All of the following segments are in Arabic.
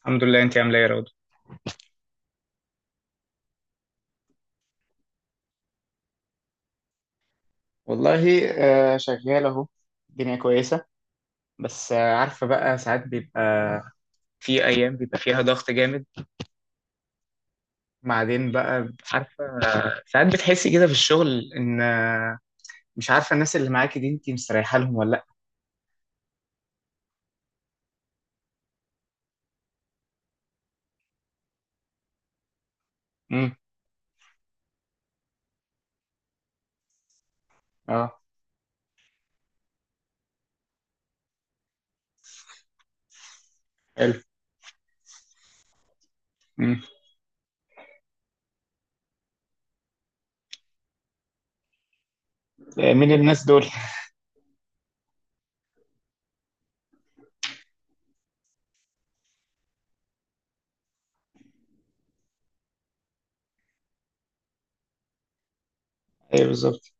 الحمد لله، انت عامله ايه يا رضوى؟ والله. شغال اهو. الدنيا كويسة. بس عارفة بقى ساعات بيبقى في جامد. بعدين بقى ساعات بتحسي كده في الشغل ان مش عارفة الناس اللي معاكي دي انتي مستريحة لهم ولا لا. امم اه. حلو. امم مين الناس دول؟ ايه بالظبط.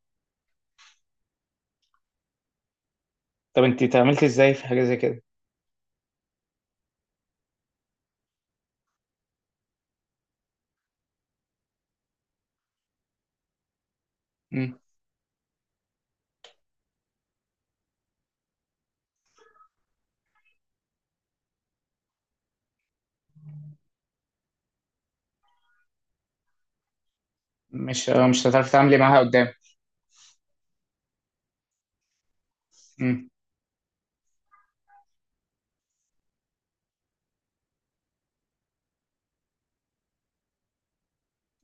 طب انتي تعاملتي ازاي في حاجة زي كده؟ امم. مش مش هتعرفي تتعاملي معاها قدام. امم.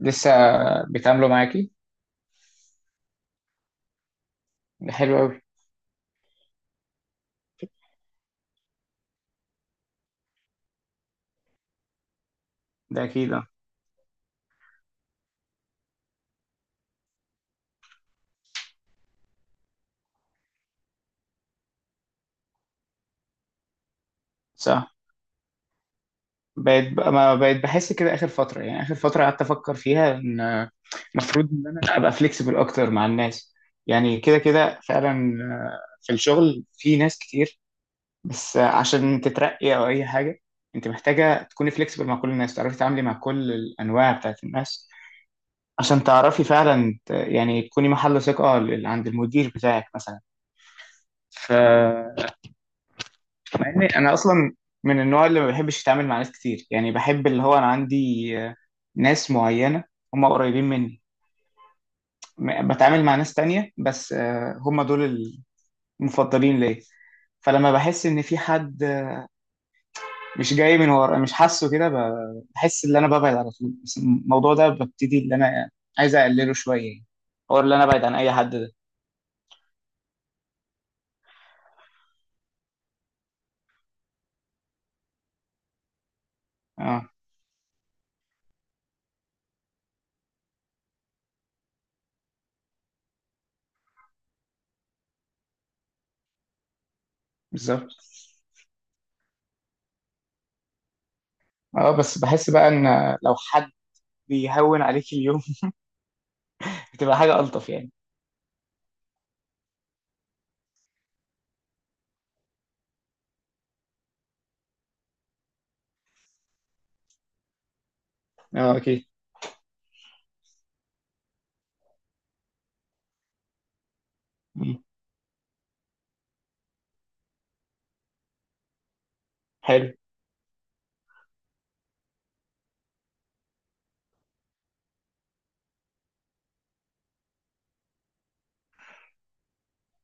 لسه بيتعاملوا معاكي؟ ده حلو قوي. ده اكيد اه. صح. بقيت بقى ما بقيت بحس كده اخر فتره، يعني اخر فتره قعدت افكر فيها ان المفروض ان انا ابقى فليكسبل اكتر مع الناس. يعني كده كده فعلا. في الشغل في ناس كتير. بس عشان تترقي او اي حاجه انت محتاجه تكوني فليكسبل مع كل الناس، تعرفي تتعاملي مع كل الانواع بتاعت الناس، عشان تعرفي فعلا يعني تكوني محل ثقه عند المدير بتاعك مثلا. ف مع اني انا اصلا من النوع اللي ما بحبش اتعامل مع ناس كتير، يعني بحب اللي هو انا عندي آه، ناس معينة هم قريبين مني. بتعامل مع ناس تانية بس هم دول المفضلين ليا. فلما بحس ان في حد مش جاي من ورا، مش حاسه كده، بحس ان انا ببعد على طول، بس الموضوع ده ببتدي ان انا عايز اقلله شوية يعني. هو اللي انا ابعد عن اي حد ده. اه بالظبط. اه بس بحس بقى ان لو حد بيهون عليك اليوم بتبقى حاجة ألطف يعني. اه اكيد. حلو.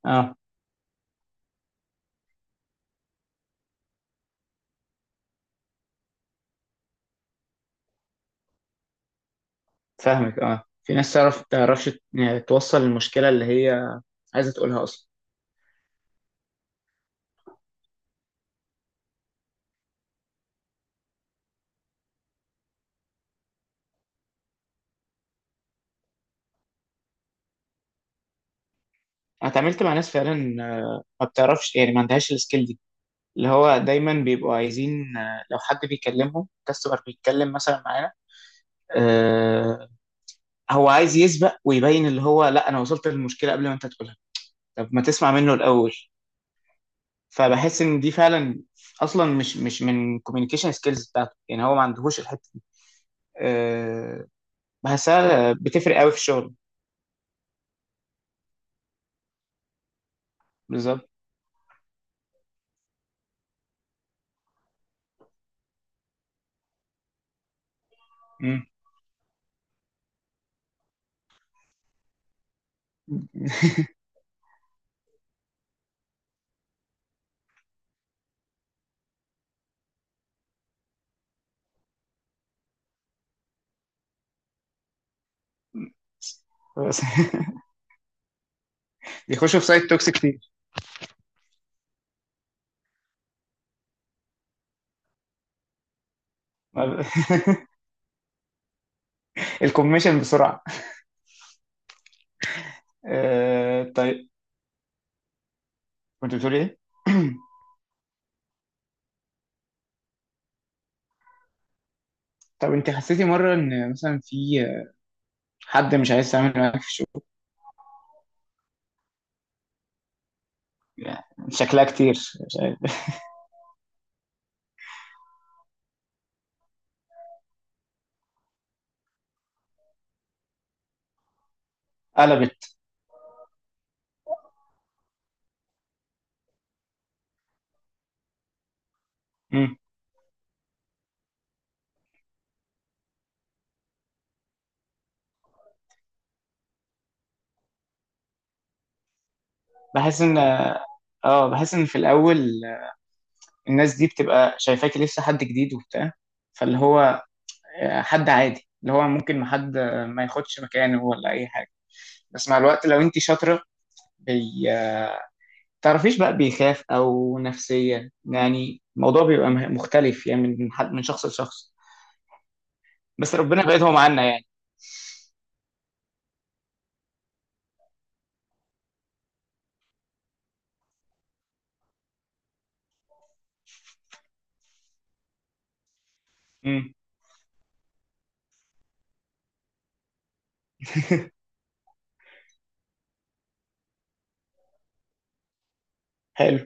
اه فاهمك. اه في ناس تعرف تعرفش يعني توصل المشكله اللي هي عايزه تقولها اصلا. انا اتعاملت مع ناس فعلا آه، ما بتعرفش، يعني ما عندهاش السكيل دي. اللي هو دايما بيبقوا عايزين لو حد بيكلمهم كاستمر بيتكلم مثلا معانا. آه. هو عايز يسبق ويبين اللي هو لا انا وصلت للمشكله قبل ما انت تقولها. طب ما تسمع منه الاول. فبحس ان دي فعلا اصلا مش من كوميونيكيشن سكيلز بتاعته، يعني هو ما عندهوش الحته دي. آه. بحسها بتفرق قوي في الشغل. بالظبط. مم. بس بيخشوا في سايت توكس كتير. ما ب- الكوميشن بسرعة. طيب. كنت بتقولي ايه؟ طب انت حسيتي مرة ان مثلا في حد مش عايز تعمل معاك في الشغل؟ يعني شكلها كتير. مش عارف. قلبت. مم. بحس ان اه، بحس ان في الاول الناس دي بتبقى شايفاكي لسه حد جديد وبتاع، فاللي هو حد عادي اللي هو ممكن ما حد ما ياخدش مكانه ولا اي حاجة. بس مع الوقت لو انت شاطرة بي تعرفيش بقى بيخاف او نفسيا، يعني الموضوع بيبقى مختلف يعني من حد من شخص لشخص. بس ربنا بقيت هو معانا يعني. امم. حلو.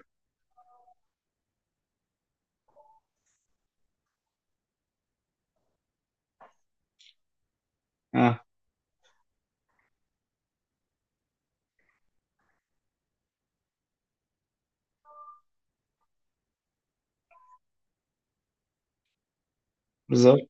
اه بالظبط.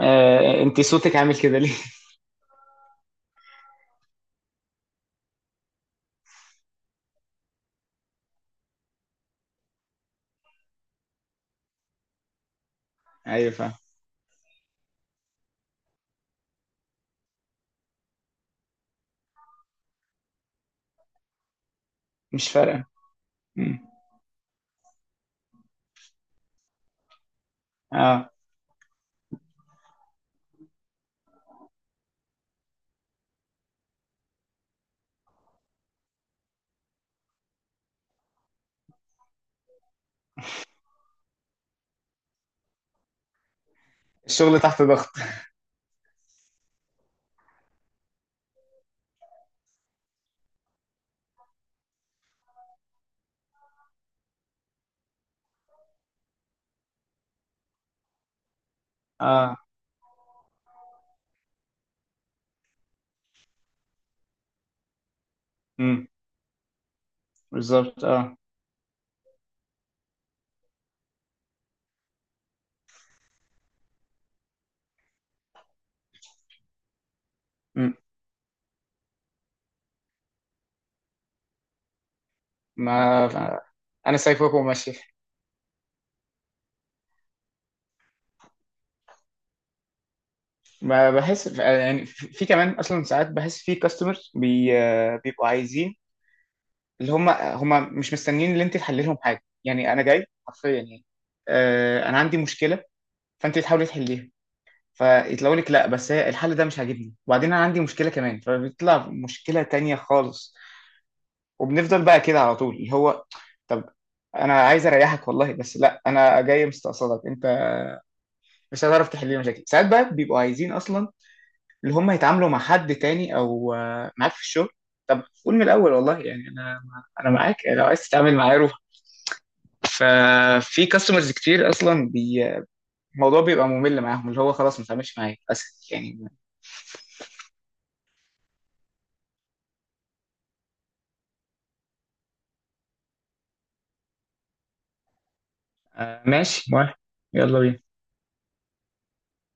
انت صوتك عامل كده ليه؟ ايوه فاهم. مش فارقه. امم. اه الشغل تحت ضغط. اه. امم. بالظبط اه. امم. ما انا سايبك وماشي. ما بحس يعني في كمان اصلا ساعات بحس في كاستمرز بي آه، بيبقوا عايزين اللي هم مش مستنيين ان انت تحلي لهم حاجه، يعني انا جاي حرفيا يعني. انا عندي مشكله فانت تحاولي تحليها، فيطلعوا لك لا بس هي الحل ده مش عاجبني، وبعدين انا عندي مشكله كمان فبيطلع مشكله تانية خالص. وبنفضل بقى كده على طول اللي هو طب، انا عايز اريحك والله بس لا، انا جاي مستقصدك انت مش هتعرف تحل لي مشاكل. ساعات بقى بيبقوا عايزين اصلا اللي هم يتعاملوا مع حد تاني او معاك في الشغل. طب قول من الاول والله. يعني انا انا معاك لو عايز تتعامل معايا روح. ففي كاستمرز كتير اصلا الموضوع بيبقى ممل معاهم، اللي هو خلاص ما تعملش معايا اسف يعني. آه ماشي موافق. يلا بينا.